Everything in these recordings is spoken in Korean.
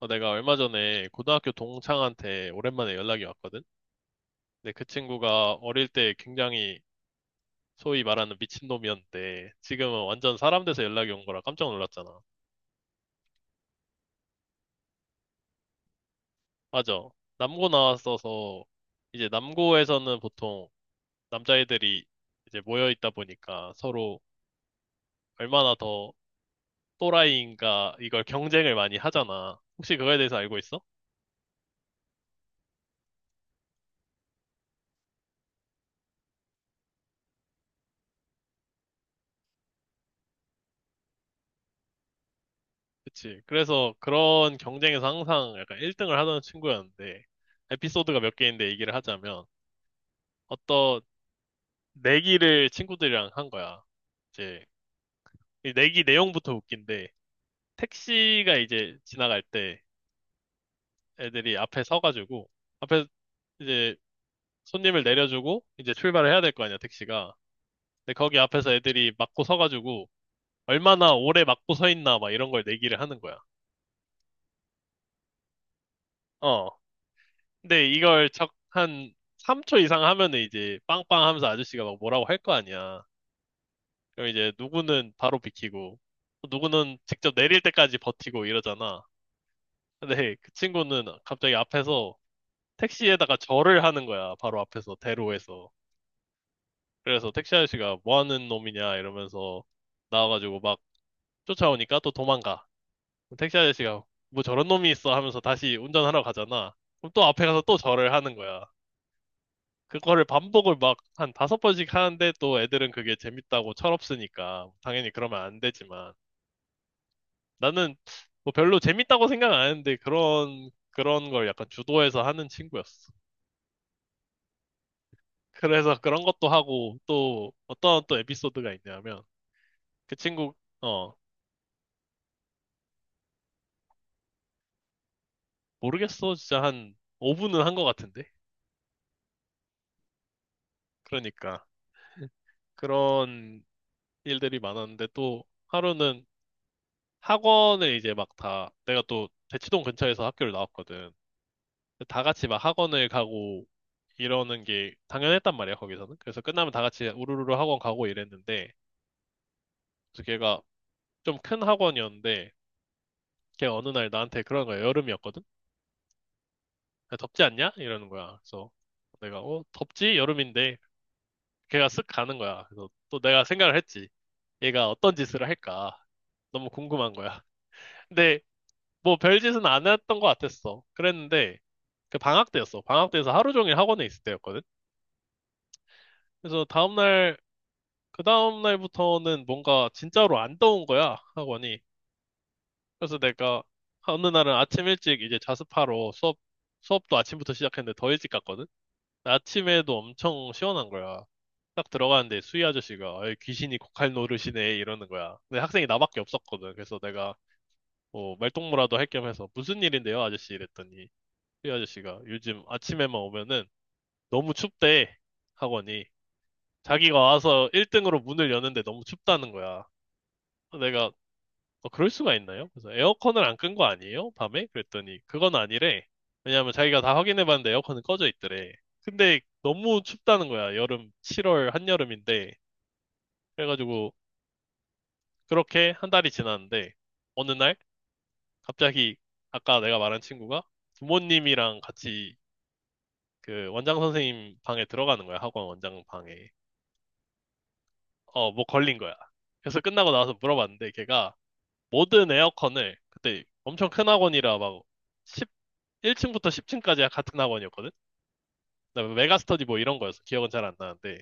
내가 얼마 전에 고등학교 동창한테 오랜만에 연락이 왔거든? 근데 그 친구가 어릴 때 굉장히 소위 말하는 미친놈이었는데 지금은 완전 사람 돼서 연락이 온 거라 깜짝 놀랐잖아. 맞아. 남고 나왔어서 이제 남고에서는 보통 남자애들이 이제 모여 있다 보니까 서로 얼마나 더 또라이인가 이걸 경쟁을 많이 하잖아. 혹시 그거에 대해서 알고 있어? 그치. 그래서 그런 경쟁에서 항상 약간 1등을 하던 친구였는데, 에피소드가 몇 개인데 얘기를 하자면, 어떤 내기를 친구들이랑 한 거야. 이제, 이 내기 내용부터 웃긴데, 택시가 이제 지나갈 때 애들이 앞에 서가지고, 앞에 이제 손님을 내려주고, 이제 출발을 해야 될 거 아니야, 택시가. 근데 거기 앞에서 애들이 막고 서가지고, 얼마나 오래 막고 서 있나, 막 이런 걸 내기를 하는 거야. 어. 근데 이걸 한 3초 이상 하면은 이제 빵빵 하면서 아저씨가 막 뭐라고 할 거 아니야. 그럼 이제 누구는 바로 비키고, 또 누구는 직접 내릴 때까지 버티고 이러잖아. 근데 그 친구는 갑자기 앞에서 택시에다가 절을 하는 거야. 바로 앞에서, 대로에서. 그래서 택시 아저씨가 뭐 하는 놈이냐 이러면서 나와가지고 막 쫓아오니까 또 도망가. 그럼 택시 아저씨가 뭐 저런 놈이 있어 하면서 다시 운전하러 가잖아. 그럼 또 앞에 가서 또 절을 하는 거야. 그거를 반복을 막 한 다섯 번씩 하는데 또 애들은 그게 재밌다고 철없으니까 당연히 그러면 안 되지만 나는 뭐 별로 재밌다고 생각 안 했는데 그런 걸 약간 주도해서 하는 친구였어. 그래서 그런 것도 하고 또 어떤 또 에피소드가 있냐면 그 친구 어 모르겠어 진짜 한 5분은 한 것 같은데 그러니까 그런 일들이 많았는데 또 하루는 학원을 이제 막 다 내가 또 대치동 근처에서 학교를 나왔거든. 다 같이 막 학원을 가고 이러는 게 당연했단 말이야, 거기서는. 그래서 끝나면 다 같이 우르르르 학원 가고 이랬는데, 그래서 걔가 좀 큰 학원이었는데, 걔 어느 날 나한테 그런 거야. 여름이었거든? 야, 덥지 않냐? 이러는 거야. 그래서 내가, 어, 덥지? 여름인데. 걔가 쓱 가는 거야. 그래서 또 내가 생각을 했지. 얘가 어떤 짓을 할까? 너무 궁금한 거야. 근데 뭐 별짓은 안 했던 것 같았어. 그랬는데, 그 방학 때였어. 방학 때에서 하루 종일 학원에 있을 때였거든? 그래서 다음날 그 다음 날부터는 뭔가 진짜로 안 더운 거야, 학원이. 그래서 내가 어느 날은 아침 일찍 이제 자습하러 수업도 아침부터 시작했는데 더 일찍 갔거든? 아침에도 엄청 시원한 거야. 딱 들어가는데 수희 아저씨가 "아이, 귀신이 고칼 노릇이네" 이러는 거야. 근데 학생이 나밖에 없었거든. 그래서 내가 뭐 말동무라도 할 겸 해서 무슨 일인데요, 아저씨 이랬더니 수희 아저씨가 요즘 아침에만 오면은 너무 춥대, 학원이. 자기가 와서 1등으로 문을 여는데 너무 춥다는 거야. 내가 어, 그럴 수가 있나요? 그래서 에어컨을 안 끈 거 아니에요? 밤에? 그랬더니 그건 아니래. 왜냐하면 자기가 다 확인해봤는데 에어컨은 꺼져 있더래. 근데 너무 춥다는 거야. 여름 7월 한여름인데. 그래가지고 그렇게 한 달이 지났는데 어느 날 갑자기 아까 내가 말한 친구가 부모님이랑 같이 그 원장 선생님 방에 들어가는 거야. 학원 원장 방에. 어, 뭐 걸린 거야. 그래서 끝나고 나와서 물어봤는데 걔가 모든 에어컨을 그때 엄청 큰 학원이라 막 1층부터 10층까지야 같은 학원이었거든? 그다음에 메가스터디 뭐 이런 거였어. 기억은 잘 안 나는데.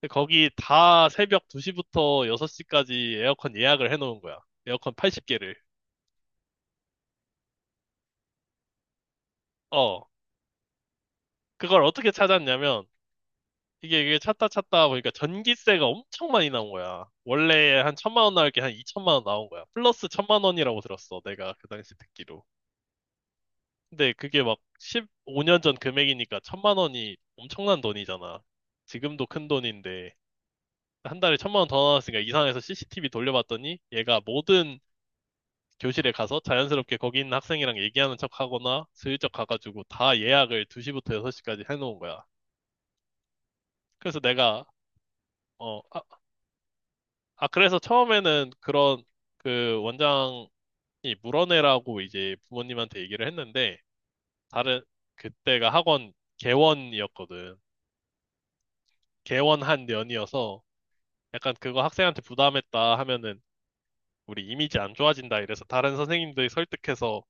근데 거기 다 새벽 2시부터 6시까지 에어컨 예약을 해놓은 거야. 에어컨 80개를. 어. 그걸 어떻게 찾았냐면, 이게, 찾다 찾다 보니까 전기세가 엄청 많이 나온 거야. 원래 한 천만 원 나올 게 한 2천만 원 나온 거야. 플러스 천만 원이라고 들었어. 내가 그 당시 듣기로. 근데 그게 막 15년 전 금액이니까 천만 원이 엄청난 돈이잖아. 지금도 큰 돈인데. 한 달에 천만 원 더 나왔으니까 이상해서 CCTV 돌려봤더니 얘가 모든 교실에 가서 자연스럽게 거기 있는 학생이랑 얘기하는 척 하거나 슬쩍 가가지고 다 예약을 2시부터 6시까지 해놓은 거야. 그래서 내가, 어, 아, 아, 그래서 처음에는 그런 그 원장이 물어내라고 이제 부모님한테 얘기를 했는데 다른, 그때가 학원 개원이었거든. 개원한 년이어서 약간 그거 학생한테 부담했다 하면은 우리 이미지 안 좋아진다 이래서 다른 선생님들이 설득해서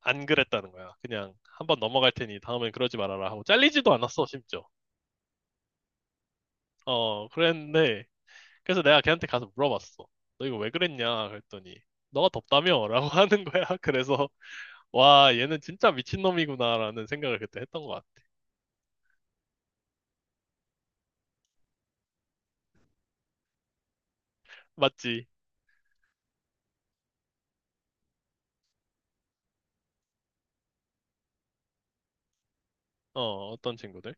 안 그랬다는 거야. 그냥 한번 넘어갈 테니 다음엔 그러지 말아라 하고 잘리지도 않았어, 심지어. 그랬는데 그래서 내가 걔한테 가서 물어봤어. 너 이거 왜 그랬냐? 그랬더니 너가 덥다며? 라고 하는 거야. 그래서 와, 얘는 진짜 미친놈이구나라는 생각을 그때 했던 것 같아. 맞지? 어, 어떤 친구들?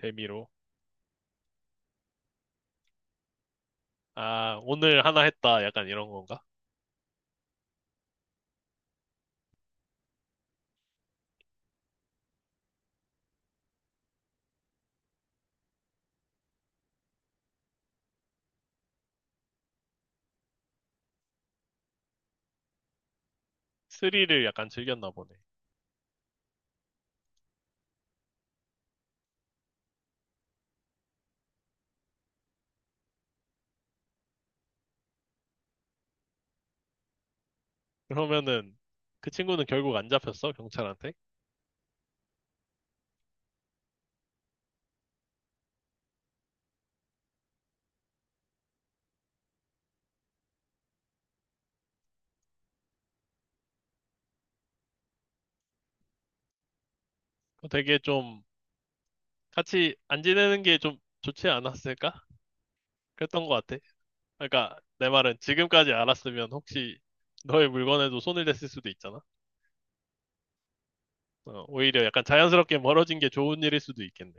재미로. 아, 오늘 하나 했다. 약간 이런 건가? 스릴을 약간 즐겼나 보네. 그러면은 그 친구는 결국 안 잡혔어, 경찰한테? 그거 되게 좀 같이 안 지내는 게 좀 좋지 않았을까? 그랬던 것 같아. 그러니까 내 말은 지금까지 알았으면 혹시 너의 물건에도 손을 댔을 수도 있잖아. 어, 오히려 약간 자연스럽게 멀어진 게 좋은 일일 수도 있겠네.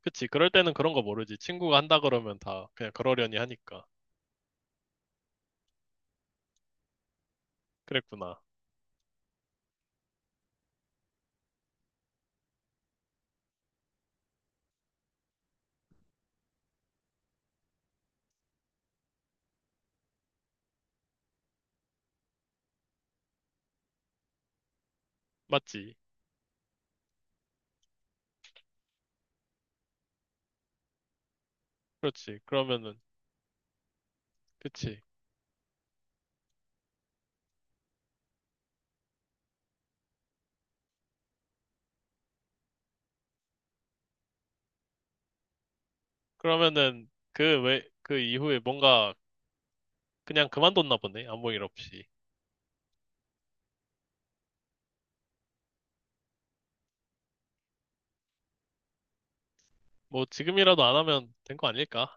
그치, 그럴 때는 그런 거 모르지. 친구가 한다 그러면 다 그냥 그러려니 하니까. 그랬구나. 맞지? 그렇지. 그러면은, 그치. 그러면은 그 왜, 그 이후에 뭔가 그냥 그만뒀나 보네. 아무 일 없이. 뭐 지금이라도 안 하면 된 거 아닐까?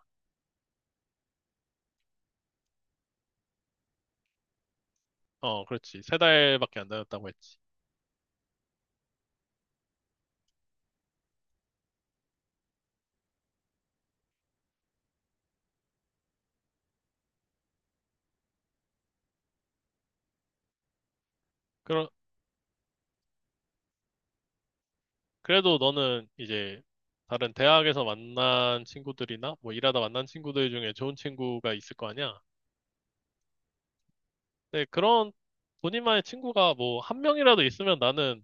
어, 그렇지. 세 달밖에 안 다녔다고 했지. 그러, 그래도 너는 이제 다른 대학에서 만난 친구들이나 뭐 일하다 만난 친구들 중에 좋은 친구가 있을 거 아니야? 근데 그런 본인만의 친구가 뭐 한 명이라도 있으면 나는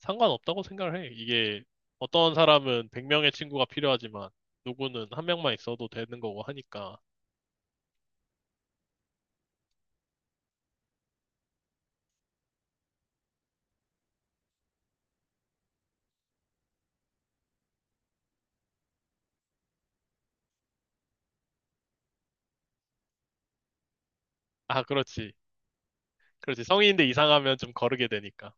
상관없다고 생각을 해. 이게 어떤 사람은 100명의 친구가 필요하지만 누구는 한 명만 있어도 되는 거고 하니까. 아, 그렇지. 그렇지. 성인인데 이상하면 좀 거르게 되니까.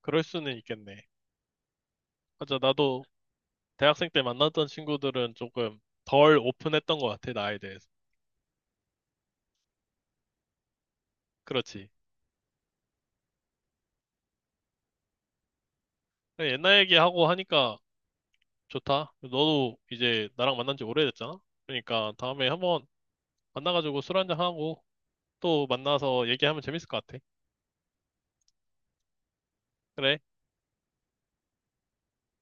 그럴 수는 있겠네. 맞아, 나도 대학생 때 만났던 친구들은 조금 덜 오픈했던 것 같아, 나에 대해서. 그렇지. 그래, 옛날 얘기하고 하니까 좋다. 너도 이제 나랑 만난 지 오래됐잖아? 그러니까 다음에 한번 만나가지고 술 한 잔하고 또 만나서 얘기하면 재밌을 것 같아. 그래.